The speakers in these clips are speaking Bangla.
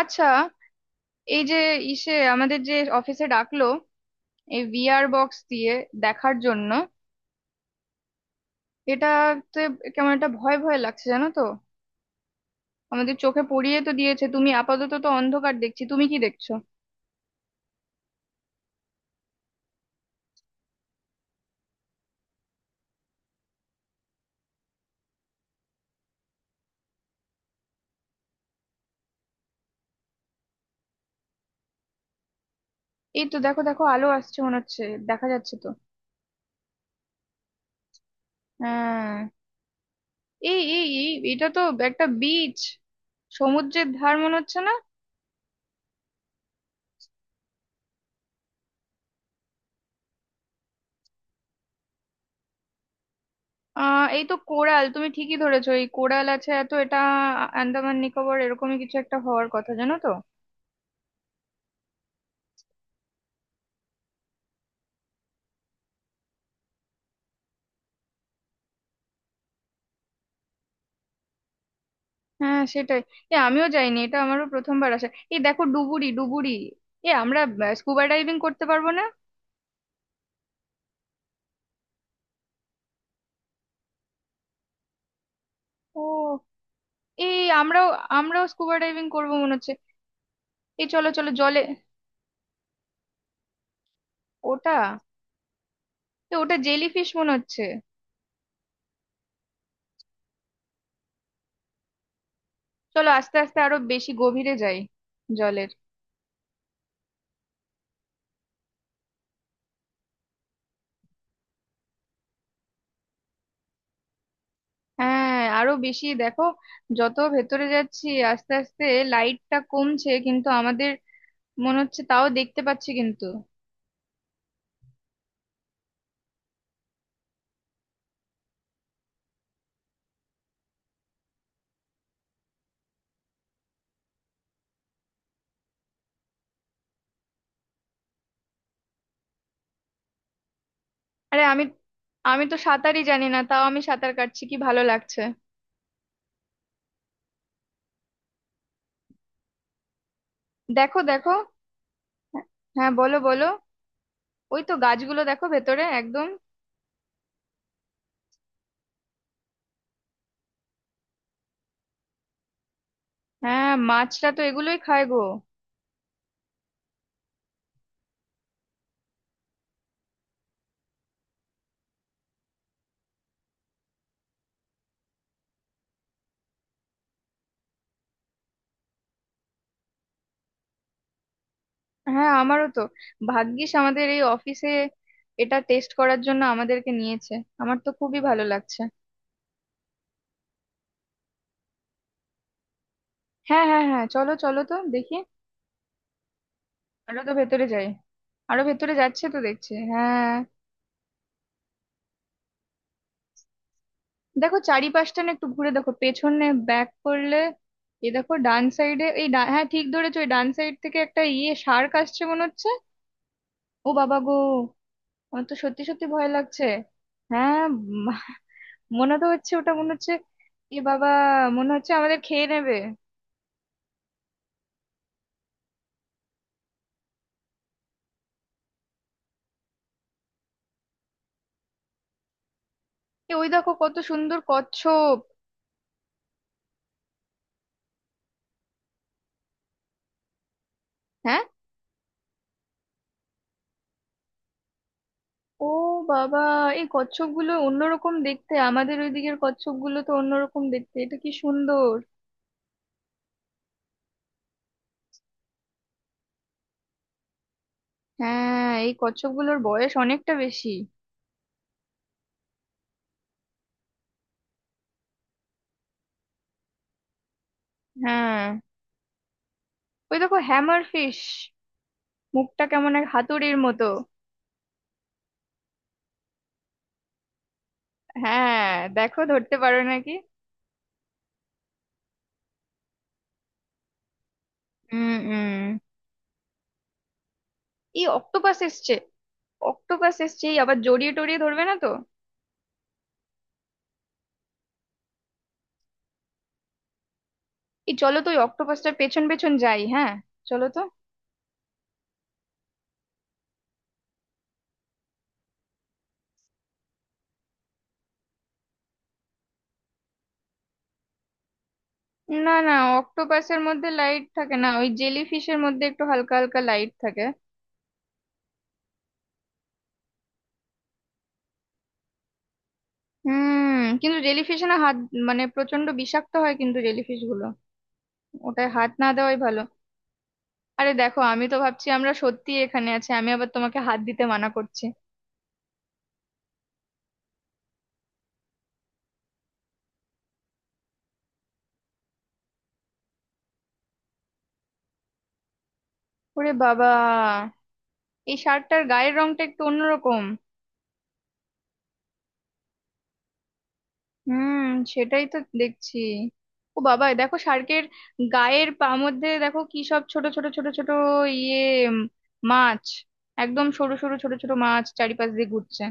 আচ্ছা, এই যে ইসে আমাদের যে অফিসে ডাকলো এই ভিআর বক্স দিয়ে দেখার জন্য এটাতে কেমন একটা ভয় ভয় লাগছে জানো তো। আমাদের চোখে পড়িয়ে তো দিয়েছে, তুমি আপাতত তো অন্ধকার দেখছি, তুমি কি দেখছো? এই তো দেখো দেখো, আলো আসছে মনে হচ্ছে, দেখা যাচ্ছে তো। হ্যাঁ, এই এই এই এটা তো একটা বিচ, সমুদ্রের ধার মনে হচ্ছে না? এই তো কোরাল, তুমি ঠিকই ধরেছো, এই কোরাল আছে, এত এটা আন্দামান নিকোবর এরকমই কিছু একটা হওয়ার কথা জানো তো। হ্যাঁ সেটাই, এ আমিও যাইনি, এটা আমারও প্রথমবার আসা। এই দেখো ডুবুরি ডুবুরি, এ আমরা স্কুবা ডাইভিং করতে পারবো না। ও, এই আমরাও আমরাও স্কুবা ডাইভিং করবো মনে হচ্ছে। এই চলো চলো জলে। ওটা এ ওটা জেলিফিশ মনে হচ্ছে। চলো আস্তে আস্তে আরো বেশি গভীরে যাই জলের। হ্যাঁ আরো বেশি দেখো, যত ভেতরে যাচ্ছি আস্তে আস্তে লাইটটা কমছে, কিন্তু আমাদের মনে হচ্ছে তাও দেখতে পাচ্ছি কিন্তু। আরে আমি আমি তো সাঁতারই জানি না, তাও আমি সাঁতার কাটছি, কি ভালো লাগছে। দেখো দেখো, হ্যাঁ বলো বলো, ওই তো গাছগুলো দেখো ভেতরে একদম। হ্যাঁ মাছটা তো এগুলোই খায় গো। হ্যাঁ আমারও তো, ভাগ্যিস আমাদের এই অফিসে এটা টেস্ট করার জন্য আমাদেরকে নিয়েছে, আমার তো খুবই ভালো লাগছে। হ্যাঁ হ্যাঁ হ্যাঁ চলো চলো তো দেখি, আরো তো ভেতরে যাই, আরো ভেতরে যাচ্ছে তো দেখছি, হ্যাঁ। দেখো চারিপাশটা না একটু ঘুরে দেখো, পেছনে ব্যাক করলে। এই দেখো ডান সাইডে, হ্যাঁ ঠিক ধরেছো, ওই ডান সাইড থেকে একটা ইয়ে শার্ক আসছে মনে হচ্ছে। ও বাবা গো, আমার তো সত্যি সত্যি ভয় লাগছে। হ্যাঁ, মনে তো হচ্ছে, ওটা মনে হচ্ছে। এ বাবা, মনে হচ্ছে আমাদের খেয়ে নেবে। এ ওই দেখো কত সুন্দর কচ্ছপ। হ্যাঁ। ও বাবা, এই কচ্ছপ গুলো অন্যরকম দেখতে, আমাদের ওইদিকের কচ্ছপ গুলো তো অন্যরকম দেখতে, এটা কি সুন্দর। হ্যাঁ এই কচ্ছপ গুলোর বয়স অনেকটা বেশি। হ্যাঁ ওই দেখো হ্যামার ফিশ, মুখটা কেমন এক হাতুড়ির মতো। হ্যাঁ, দেখো ধরতে পারো নাকি। হুম হুম। এই অক্টোপাস এসছে, অক্টোপাস এসছে, এই আবার জড়িয়ে টড়িয়ে ধরবে না তো? এই চলো তো ওই অক্টোপাসটার পেছন পেছন যাই, হ্যাঁ চলো তো। না না, অক্টোপাসের মধ্যে লাইট থাকে না, ওই জেলি ফিশের মধ্যে একটু হালকা হালকা লাইট থাকে। হুম, কিন্তু জেলিফিশে না হাত, মানে প্রচন্ড বিষাক্ত হয় কিন্তু জেলিফিশ গুলো, ওটায় হাত না দেওয়াই ভালো। আরে দেখো আমি তো ভাবছি আমরা সত্যি এখানে আছি, আমি আবার তোমাকে হাত দিতে মানা করছি। ওরে বাবা, এই শার্টটার গায়ের রংটা একটু অন্যরকম। হুম, সেটাই তো দেখছি। ও বাবা, এ দেখো শার্কের গায়ের পা মধ্যে দেখো কি সব ছোট ছোট ছোট ছোট ইয়ে উম, মাছ, একদম সরু সরু ছোট ছোট মাছ চারিপাশ দিয়ে ঘুরছে।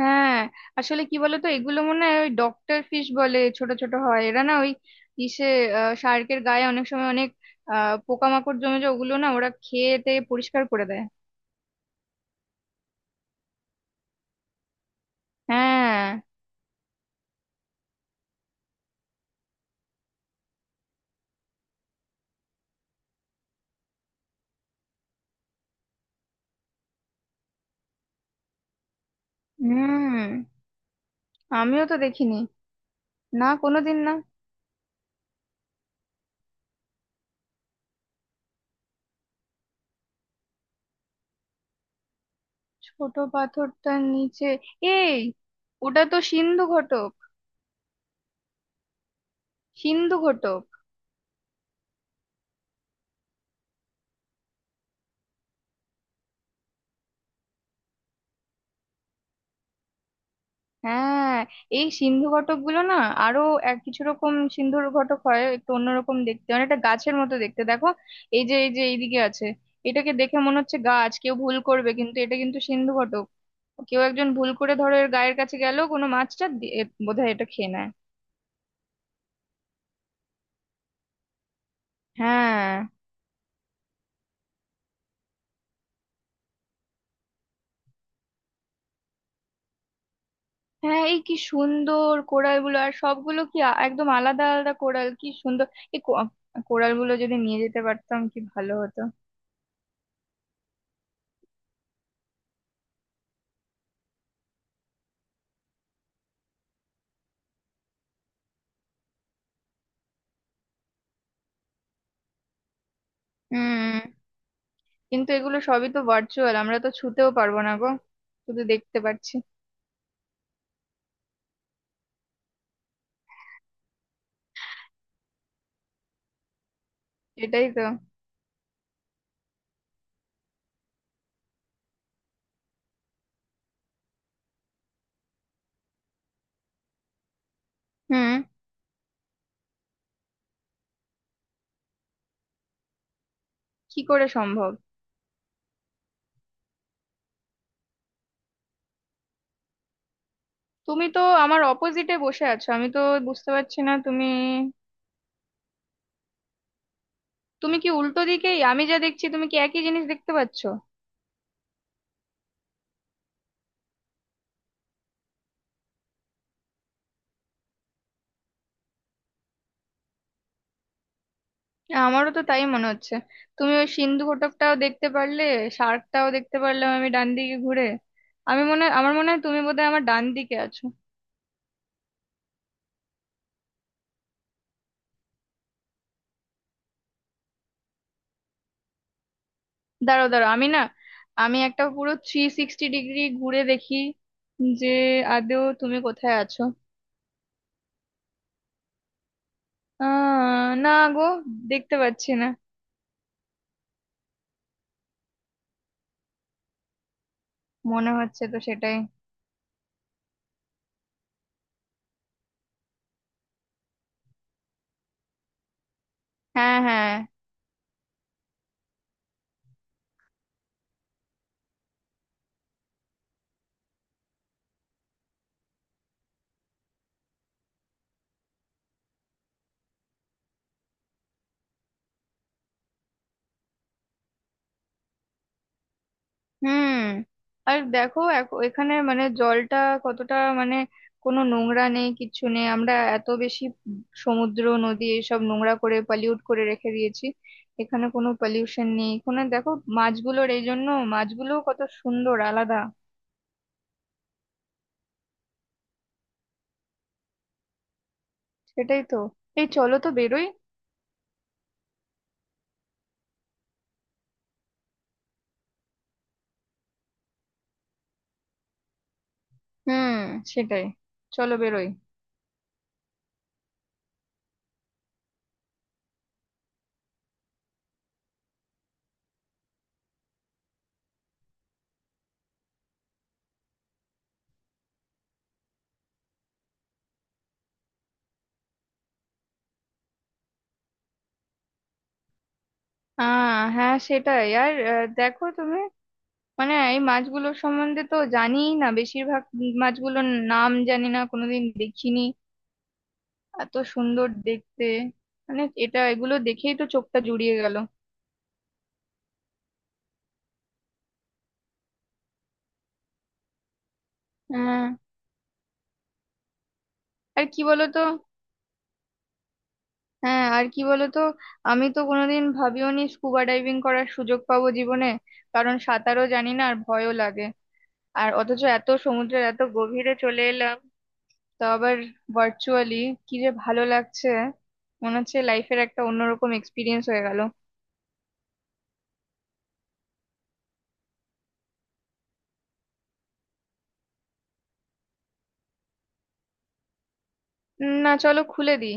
হ্যাঁ আসলে কি বলতো, এগুলো মনে হয় ওই ডক্টর ফিশ বলে, ছোট ছোট হয় এরা না, ওই ইসে শার্কের গায়ে অনেক সময় অনেক পোকামাকড় জমে যায়, ওগুলো না ওরা খেয়ে টেয়ে পরিষ্কার করে দেয়। হ্যাঁ। হুম, আমিও তো দেখিনি, না কোনোদিন না। ছোট পাথরটার নিচে এই, ওটা তো সিন্ধু ঘটক, সিন্ধু ঘটক। হ্যাঁ এই সিন্ধু ঘটক গুলো না আরো এক কিছু রকম সিন্ধুর ঘটক হয় একটু অন্যরকম দেখতে, অনেকটা গাছের মতো দেখতে দেখো, এই যে এই যে এইদিকে আছে, এটাকে দেখে মনে হচ্ছে গাছ, কেউ ভুল করবে, কিন্তু এটা কিন্তু সিন্ধু ঘটক। কেউ একজন ভুল করে ধরো এর গায়ের কাছে গেল কোনো মাছটা দিয়ে, বোধহয় এটা খেয়ে নেয়। হ্যাঁ হ্যাঁ, এই কি সুন্দর কোরাল গুলো, আর সবগুলো কি একদম আলাদা আলাদা কোরাল, কি সুন্দর। এই কোরাল গুলো যদি নিয়ে যেতে পারতাম কি ভালো হতো। হুম, কিন্তু এগুলো সবই তো ভার্চুয়াল, আমরা তো ছুতেও পারবো না গো, শুধু দেখতে পাচ্ছি। এটাই তো। হুম, কি করে সম্ভব? তুমি তো আমার অপোজিটে বসে আছো, আমি তো বুঝতে পারছি না, তুমি তুমি কি উল্টো দিকেই, আমি যা দেখছি তুমি কি একই জিনিস দেখতে পাচ্ছো? আমারও তো তাই মনে হচ্ছে, তুমি ওই সিন্ধু ঘটকটাও দেখতে পারলে, শার্কটাও দেখতে পারলাম আমি ডান দিকে ঘুরে। আমার মনে হয় তুমি বোধহয় আমার ডান দিকে আছো। দাঁড়াও দাঁড়াও, আমি না, আমি একটা পুরো 360 ডিগ্রি ঘুরে দেখি যে আদৌ তুমি কোথায় আছো। আহ না গো, দেখতে পাচ্ছি না। মনে হচ্ছে তো সেটাই। হ্যাঁ হ্যাঁ। হুম, আর দেখো এখানে মানে জলটা কতটা মানে কোনো নোংরা নেই, কিচ্ছু নেই, আমরা এত বেশি সমুদ্র নদী এসব নোংরা করে পলিউট করে রেখে দিয়েছি, এখানে কোনো পলিউশন নেই, এখানে দেখো মাছগুলোর এই জন্য মাছগুলো কত সুন্দর আলাদা। সেটাই তো, এই চলো তো বেরোই। হুম সেটাই, চলো বেরোই। আহ হ্যাঁ সেটাই, আর আহ, দেখো তুমি, মানে এই মাছগুলোর সম্বন্ধে তো জানিই না, বেশিরভাগ মাছগুলোর নাম জানি না, কোনোদিন দেখিনি, এত সুন্দর দেখতে, মানে এটা এগুলো দেখেই তো চোখটা জুড়িয়ে গেল। হ্যাঁ আর কি বলতো, হ্যাঁ আর কি বলতো, আমি তো কোনোদিন ভাবিওনি স্কুবা ডাইভিং করার সুযোগ পাবো জীবনে, কারণ সাঁতারও জানি না আর ভয়ও লাগে। আর অথচ এত সমুদ্রের এত গভীরে চলে এলাম, তো আবার ভার্চুয়ালি, কি যে ভালো লাগছে, মনে হচ্ছে লাইফের একটা অন্যরকম এক্সপিরিয়েন্স হয়ে গেল। না চলো খুলে দিই।